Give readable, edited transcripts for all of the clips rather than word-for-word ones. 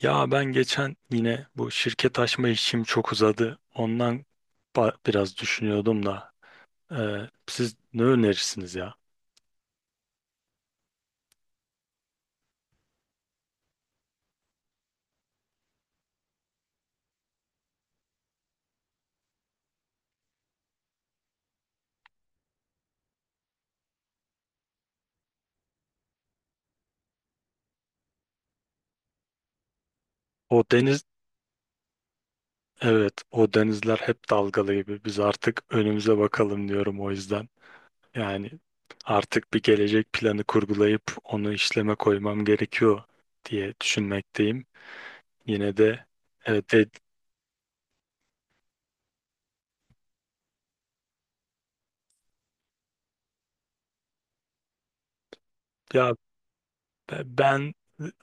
Ya ben geçen yine bu şirket açma işim çok uzadı. Ondan biraz düşünüyordum da. Siz ne önerirsiniz ya? O deniz, evet o denizler hep dalgalı gibi. Biz artık önümüze bakalım diyorum o yüzden. Yani artık bir gelecek planı kurgulayıp onu işleme koymam gerekiyor diye düşünmekteyim. Yine de evet de- ya Ben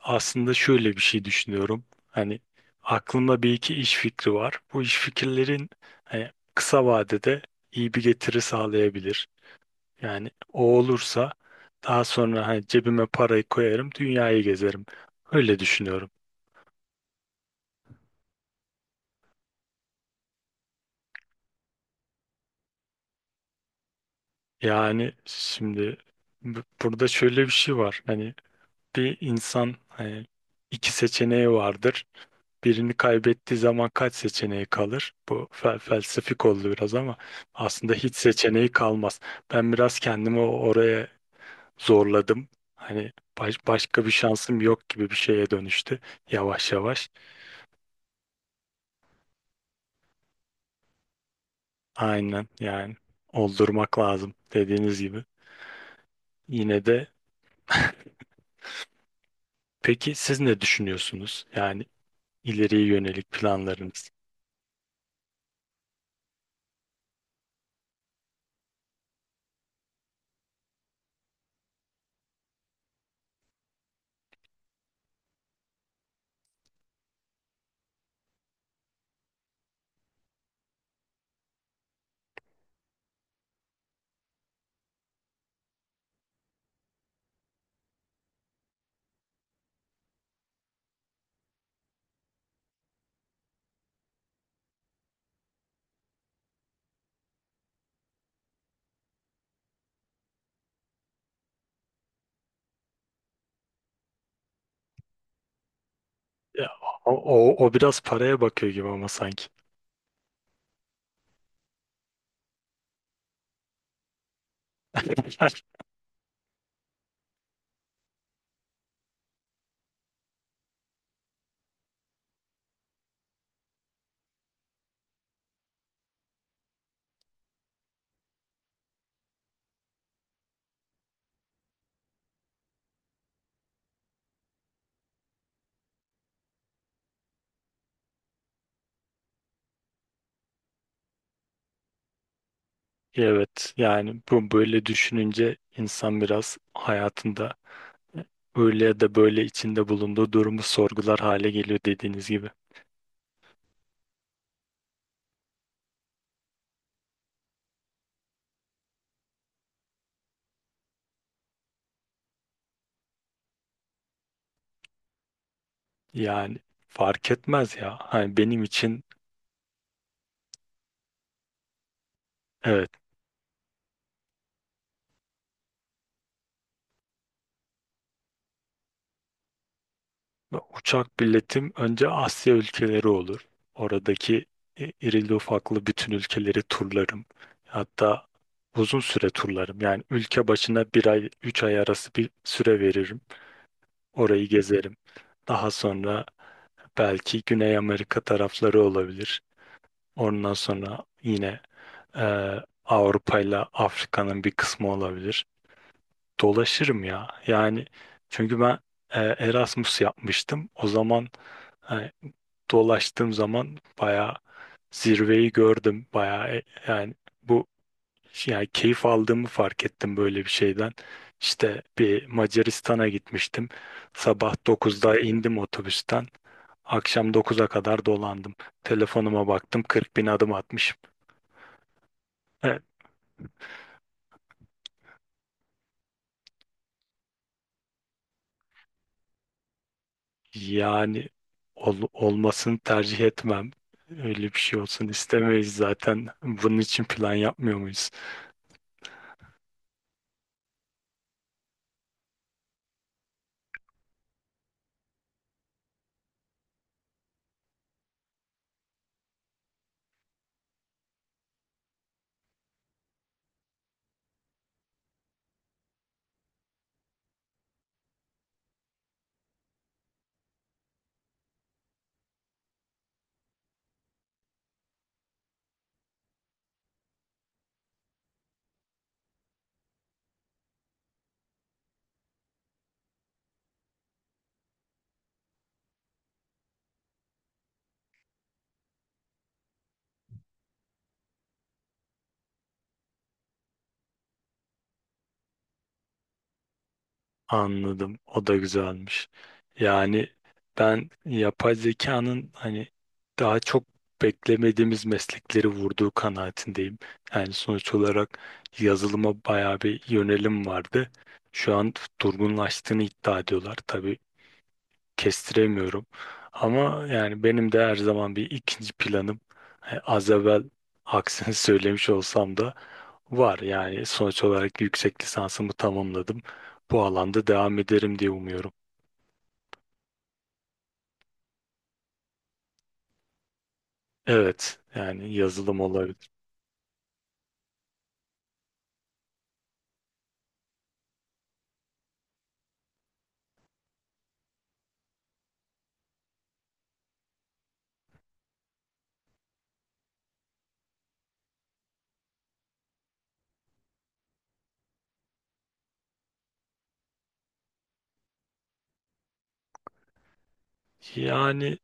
aslında şöyle bir şey düşünüyorum. Hani aklımda bir iki iş fikri var. Bu iş fikirlerin hani kısa vadede iyi bir getiri sağlayabilir. Yani o olursa daha sonra hani cebime parayı koyarım, dünyayı gezerim. Öyle düşünüyorum. Yani şimdi burada şöyle bir şey var. Hani bir insan hani iki seçeneği vardır. Birini kaybettiği zaman kaç seçeneği kalır? Bu felsefik oldu biraz ama aslında hiç seçeneği kalmaz. Ben biraz kendimi oraya zorladım. Hani başka bir şansım yok gibi bir şeye dönüştü yavaş yavaş. Aynen yani oldurmak lazım dediğiniz gibi. Yine de Peki siz ne düşünüyorsunuz? Yani ileriye yönelik planlarınız. Ya, o biraz paraya bakıyor gibi ama sanki. Evet yani bu böyle düşününce insan biraz hayatında e, öyle ya da böyle içinde bulunduğu durumu sorgular hale geliyor dediğiniz gibi. Yani fark etmez ya. Hani benim için evet, uçak biletim önce Asya ülkeleri olur. Oradaki irili ufaklı bütün ülkeleri turlarım. Hatta uzun süre turlarım. Yani ülke başına bir ay, üç ay arası bir süre veririm. Orayı gezerim. Daha sonra belki Güney Amerika tarafları olabilir. Ondan sonra yine e, Avrupa ile Afrika'nın bir kısmı olabilir. Dolaşırım ya. Yani çünkü ben Erasmus yapmıştım. O zaman e, dolaştığım zaman bayağı zirveyi gördüm. Bayağı yani bu yani keyif aldığımı fark ettim böyle bir şeyden. İşte bir Macaristan'a gitmiştim. Sabah dokuzda indim otobüsten. Akşam dokuza kadar dolandım. Telefonuma baktım 40 bin adım atmışım. E, Yani olmasını tercih etmem. Öyle bir şey olsun istemeyiz zaten. Bunun için plan yapmıyor muyuz? Anladım. O da güzelmiş. Yani ben yapay zekanın hani daha çok beklemediğimiz meslekleri vurduğu kanaatindeyim. Yani sonuç olarak yazılıma bayağı bir yönelim vardı. Şu an durgunlaştığını iddia ediyorlar. Tabii kestiremiyorum. Ama yani benim de her zaman bir ikinci planım. Az evvel aksini söylemiş olsam da var, yani sonuç olarak yüksek lisansımı tamamladım. Bu alanda devam ederim diye umuyorum. Evet yani yazılım olabilir. Yani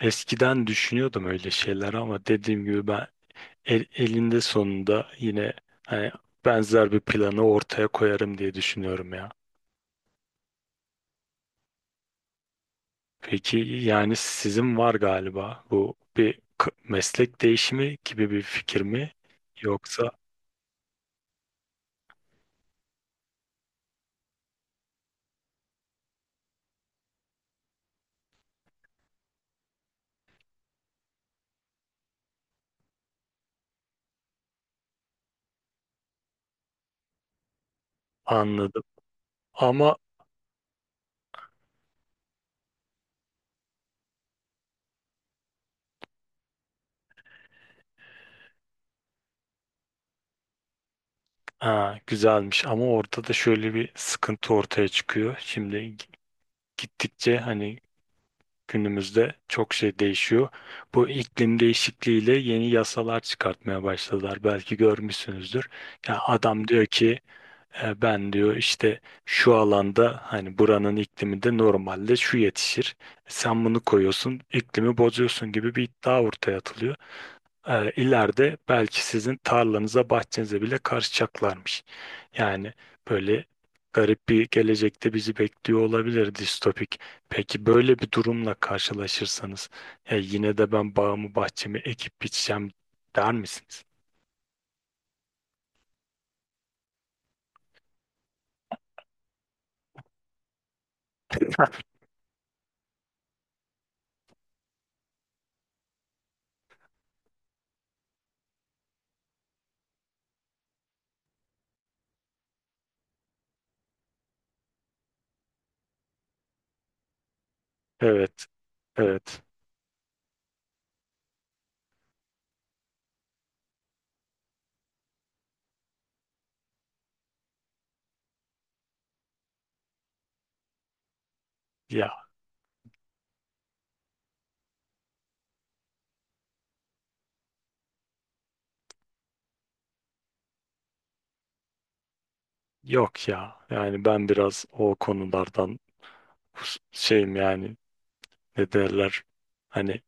eskiden düşünüyordum öyle şeyler ama dediğim gibi ben elinde sonunda yine hani benzer bir planı ortaya koyarım diye düşünüyorum ya. Peki yani sizin var galiba bu bir meslek değişimi gibi bir fikir mi yoksa anladım. Ama ha, güzelmiş ama orada da şöyle bir sıkıntı ortaya çıkıyor. Şimdi gittikçe hani günümüzde çok şey değişiyor. Bu iklim değişikliğiyle yeni yasalar çıkartmaya başladılar. Belki görmüşsünüzdür. Ya adam diyor ki ben diyor işte şu alanda hani buranın ikliminde normalde şu yetişir. E, sen bunu koyuyorsun, iklimi bozuyorsun gibi bir iddia ortaya atılıyor, ileride belki sizin tarlanıza, bahçenize bile karışacaklarmış. Yani böyle garip bir gelecekte bizi bekliyor olabilir distopik. Peki böyle bir durumla karşılaşırsanız ya yine de ben bağımı bahçemi ekip biçeceğim der misiniz? Evet, evet. Ya yok ya. Yani ben biraz o konulardan şeyim yani, ne derler? Hani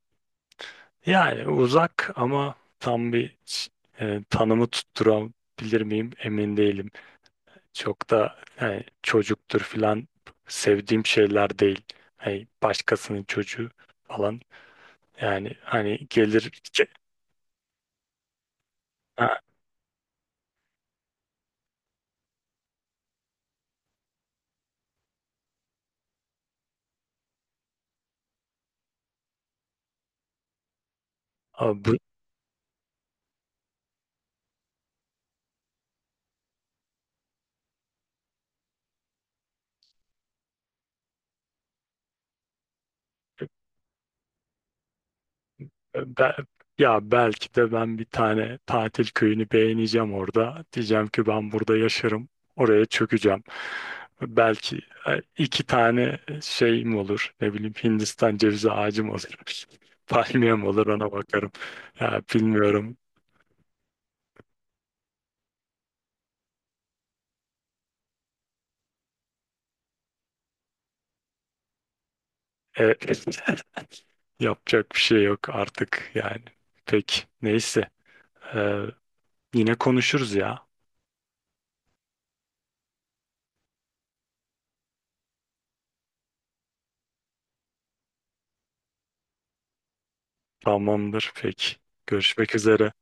yani uzak ama tam bir tanımı tutturabilir miyim emin değilim. Çok da yani çocuktur filan sevdiğim şeyler değil. Hani başkasının çocuğu falan. Yani hani gelir. Ha, bu, Ben, ya belki de ben bir tane tatil köyünü beğeneceğim orada. Diyeceğim ki ben burada yaşarım. Oraya çökeceğim. Belki iki tane şeyim olur. Ne bileyim, Hindistan cevizi ağacım olur. Palmiyem olur, ona bakarım. Ya bilmiyorum. E, yapacak bir şey yok artık yani. Peki neyse. E, yine konuşuruz ya. Tamamdır peki. Görüşmek üzere.